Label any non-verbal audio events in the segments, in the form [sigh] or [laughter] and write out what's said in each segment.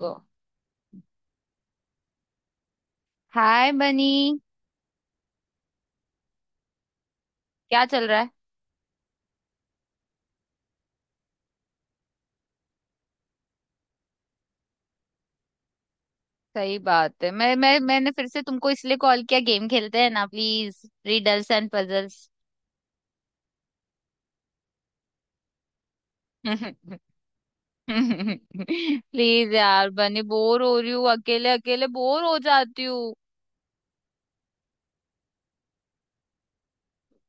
गो। Hi Bunny. क्या चल रहा है? सही बात है। मैं मैंने फिर से तुमको इसलिए कॉल किया, गेम खेलते हैं ना, please, riddles and puzzles. Please [laughs] यार बनी, बोर हो रही हूँ, अकेले अकेले बोर हो जाती हूँ।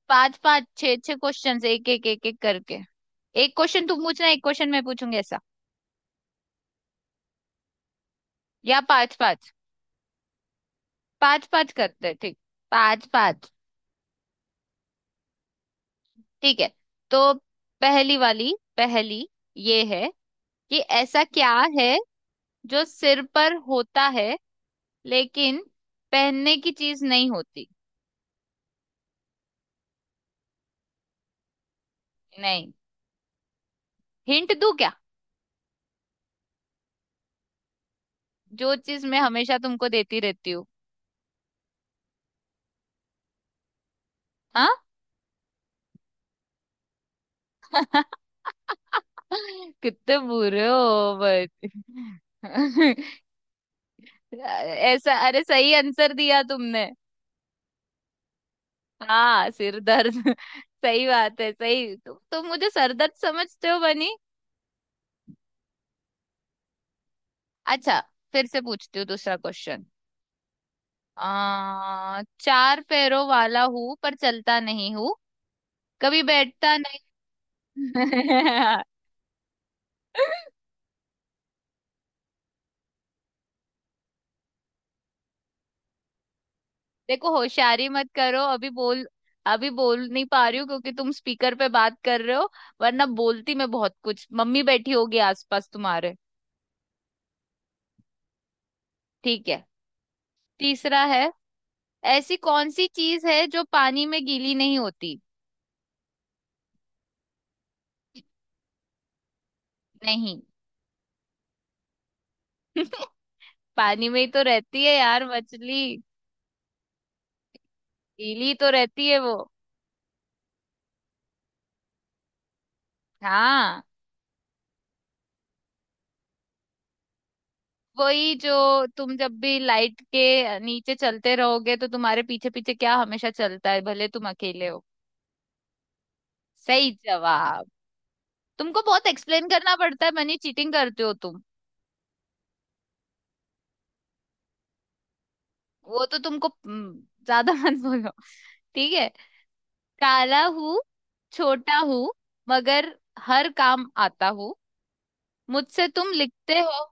5 5 6 6 क्वेश्चन, एक एक एक एक करके। एक क्वेश्चन तुम पूछना, एक क्वेश्चन मैं पूछूंगी ऐसा। या 5 5। 5 5 करते हैं, ठीक। 5 5। ठीक है। तो पहली वाली, पहली ये है कि ऐसा क्या है जो सिर पर होता है लेकिन पहनने की चीज नहीं होती? नहीं। हिंट दूं क्या? जो चीज मैं हमेशा तुमको देती रहती हूँ। हाँ। [laughs] कितने बुरे हो बच्चे। [laughs] ऐसा, अरे सही आंसर दिया तुमने। हाँ, सिर दर्द। [laughs] सही बात है। सही, तुम मुझे सर दर्द समझते हो बनी। अच्छा, फिर से पूछती हूँ दूसरा क्वेश्चन। आ, चार पैरों वाला हूं पर चलता नहीं हूं, कभी बैठता नहीं। [laughs] देखो, होशियारी मत करो, अभी बोल। अभी बोल नहीं पा रही हूँ क्योंकि तुम स्पीकर पे बात कर रहे हो। वरना बोलती मैं बहुत कुछ। मम्मी बैठी होगी आसपास तुम्हारे। ठीक है। तीसरा है, ऐसी कौन सी चीज है जो पानी में गीली नहीं होती? नहीं। [laughs] पानी में ही तो रहती है यार मछली, गीली तो रहती है वो। हाँ। वही जो, तुम जब भी लाइट के नीचे चलते रहोगे तो तुम्हारे पीछे पीछे क्या हमेशा चलता है भले तुम अकेले हो? सही जवाब। तुमको बहुत एक्सप्लेन करना पड़ता है मनी, चीटिंग करते हो तुम। वो तो तुमको ज्यादा [laughs] मत बोलो। ठीक है। काला हूँ, छोटा हूँ, मगर हर काम आता हूँ, मुझसे तुम लिखते हो।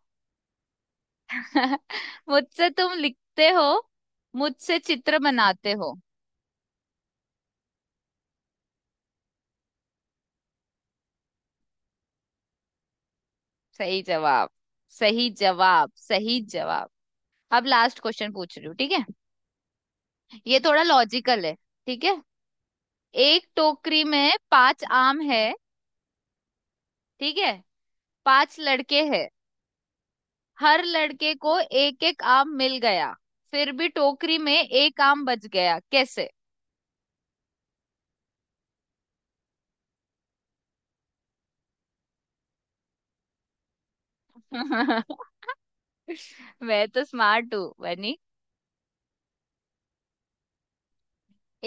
[laughs] मुझसे तुम लिखते हो, मुझसे चित्र बनाते हो। सही जवाब। सही जवाब, सही जवाब। अब लास्ट क्वेश्चन पूछ रही हूँ, ठीक है। ये थोड़ा लॉजिकल है, ठीक है। एक टोकरी में 5 आम है, ठीक है। 5 लड़के हैं, हर लड़के को एक एक आम मिल गया। फिर भी टोकरी में एक आम बच गया, कैसे? [laughs] मैं तो स्मार्ट हूँ बनी।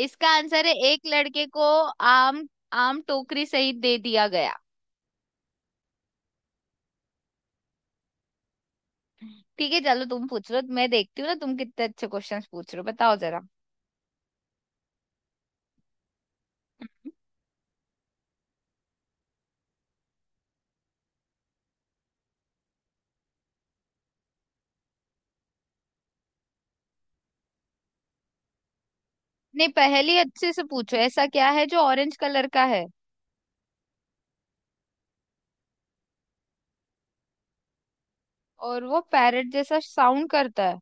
इसका आंसर है, एक लड़के को आम, आम टोकरी सहित दे दिया गया। ठीक है, चलो तुम पूछ लो, मैं देखती हूँ ना तुम कितने अच्छे क्वेश्चंस पूछ रहे हो, बताओ जरा। नहीं, पहेली अच्छे से पूछो। ऐसा क्या है जो ऑरेंज कलर का है और वो पैरट जैसा साउंड करता है?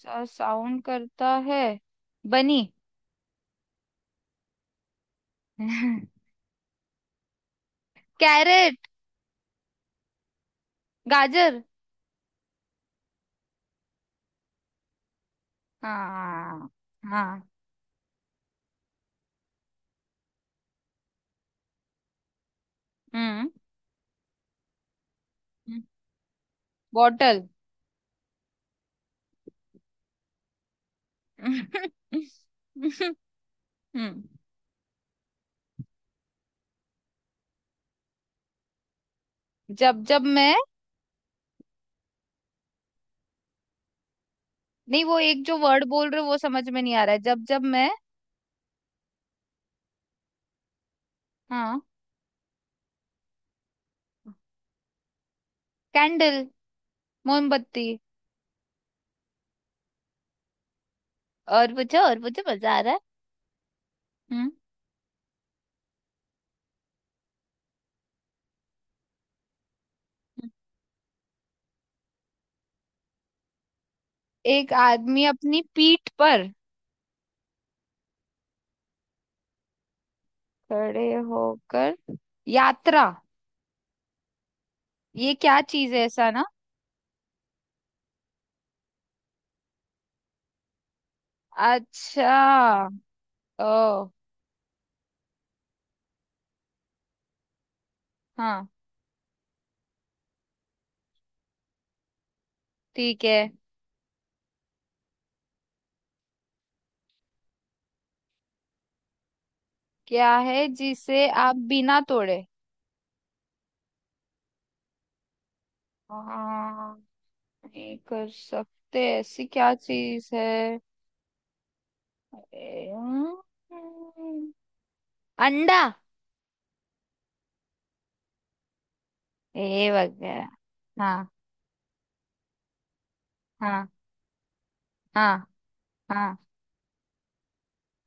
साउंड करता है बनी। [laughs] कैरेट, गाजर। हाँ। हाँ। हम्म। बॉटल। हम्म। [laughs] जब जब मैं, नहीं वो एक जो वर्ड बोल रहे हो वो समझ में नहीं आ रहा है। जब जब मैं, हाँ। कैंडल, मोमबत्ती। और पूछो, और पूछो, मजा आ रहा है। हम्म। एक आदमी अपनी पीठ पर खड़े होकर यात्रा, ये क्या चीज है ऐसा ना? अच्छा। ओ। हाँ। ठीक है। क्या है जिसे आप बिना तोड़े? हाँ, नहीं कर सकते ऐसी क्या चीज है? अरे, हम्म, अंडा। ए वगैरह। हाँ। हाँ। हाँ। हाँ।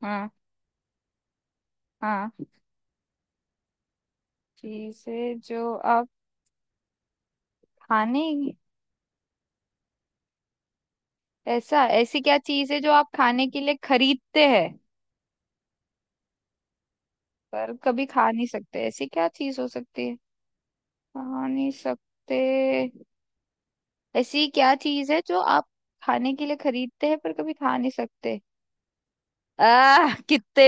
हाँ। हाँ। चीज है जो आप खाने। ऐसा, ऐसी क्या चीज है जो आप खाने के लिए खरीदते हैं? पर कभी खा नहीं सकते, ऐसी क्या चीज हो सकती है? खा नहीं सकते। ऐसी क्या चीज है जो आप खाने के लिए खरीदते हैं पर कभी खा नहीं सकते? आह, कितने,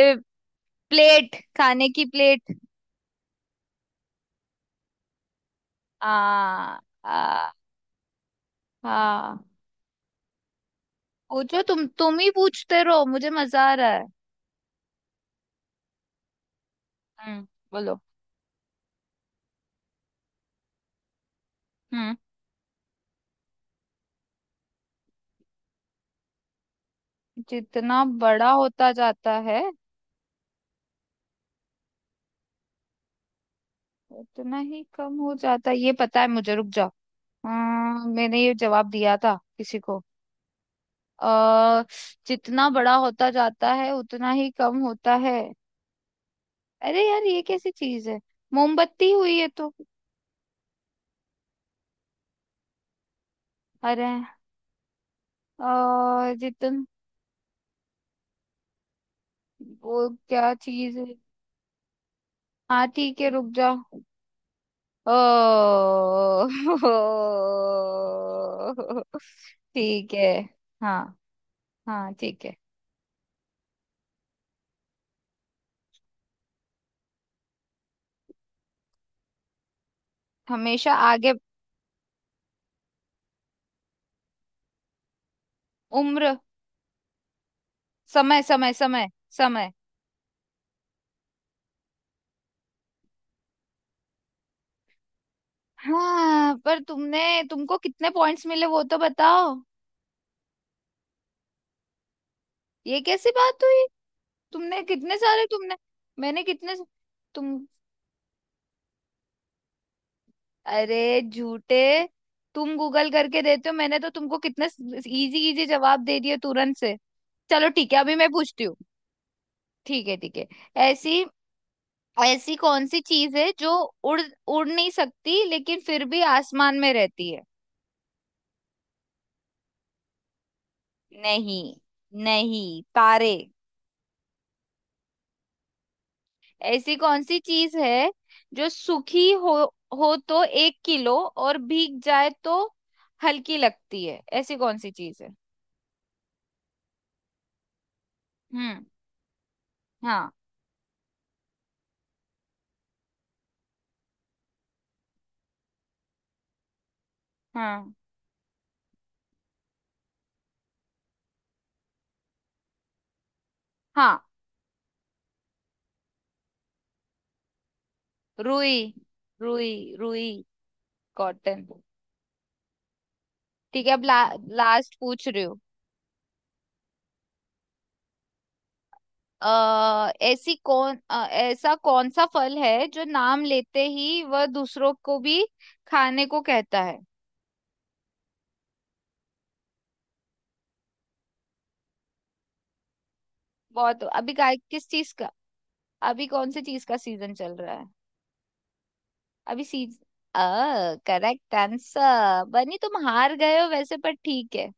प्लेट, खाने की प्लेट। आ। आ। हाँ, पूछो, तुम ही पूछते रहो, मुझे मजा आ रहा है। हम्म। बोलो। हम्म। जितना बड़ा होता जाता है उतना ही कम हो जाता है, ये पता है मुझे, रुक जाओ। हाँ, मैंने ये जवाब दिया था किसी को। अ, जितना बड़ा होता जाता है उतना ही कम होता है। अरे यार, ये कैसी चीज है? मोमबत्ती हुई है तो। अरे। अ जितन वो क्या चीज है? हाँ ठीक है, रुक जा। ओ। [laughs] ठीक है। हाँ। हाँ ठीक है। हमेशा आगे। उम्र। समय, समय, समय। समय। हाँ, पर तुमने, तुमको कितने पॉइंट्स मिले वो तो बताओ। ये कैसी बात हुई? तुमने कितने सारे, तुमने। मैंने कितने। तुम, अरे झूठे, तुम गूगल करके देते हो। मैंने तो तुमको कितने इजी इजी जवाब दे दिए तुरंत से। चलो ठीक है, अभी मैं पूछती हूँ। ठीक है, ठीक है। ऐसी, ऐसी कौन सी चीज है जो उड़ उड़ नहीं सकती लेकिन फिर भी आसमान में रहती है? नहीं। नहीं, तारे। ऐसी कौन सी चीज है जो सूखी हो तो 1 किलो, और भीग जाए तो हल्की लगती है, ऐसी कौन सी चीज है? हम्म। हाँ। हाँ। हाँ। रुई। रुई। रुई। कॉटन। ठीक है, अब लास्ट पूछ रही हूँ। ऐसा कौन सा फल है जो नाम लेते ही वह दूसरों को भी खाने को कहता है? बहुत, अभी का, किस चीज का? अभी कौन से चीज का सीजन चल रहा है? अभी सीज अ करेक्ट आंसर बनी, तुम हार गए हो वैसे पर ठीक है।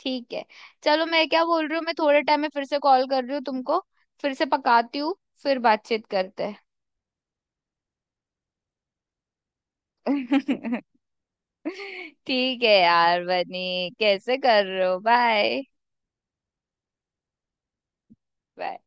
ठीक है, चलो मैं क्या बोल रही हूँ, मैं थोड़े टाइम में फिर से कॉल कर रही हूँ तुमको, फिर से पकाती हूँ, फिर बातचीत करते हैं। [laughs] ठीक है यार बनी, कैसे कर रहे हो? बाय। बाय।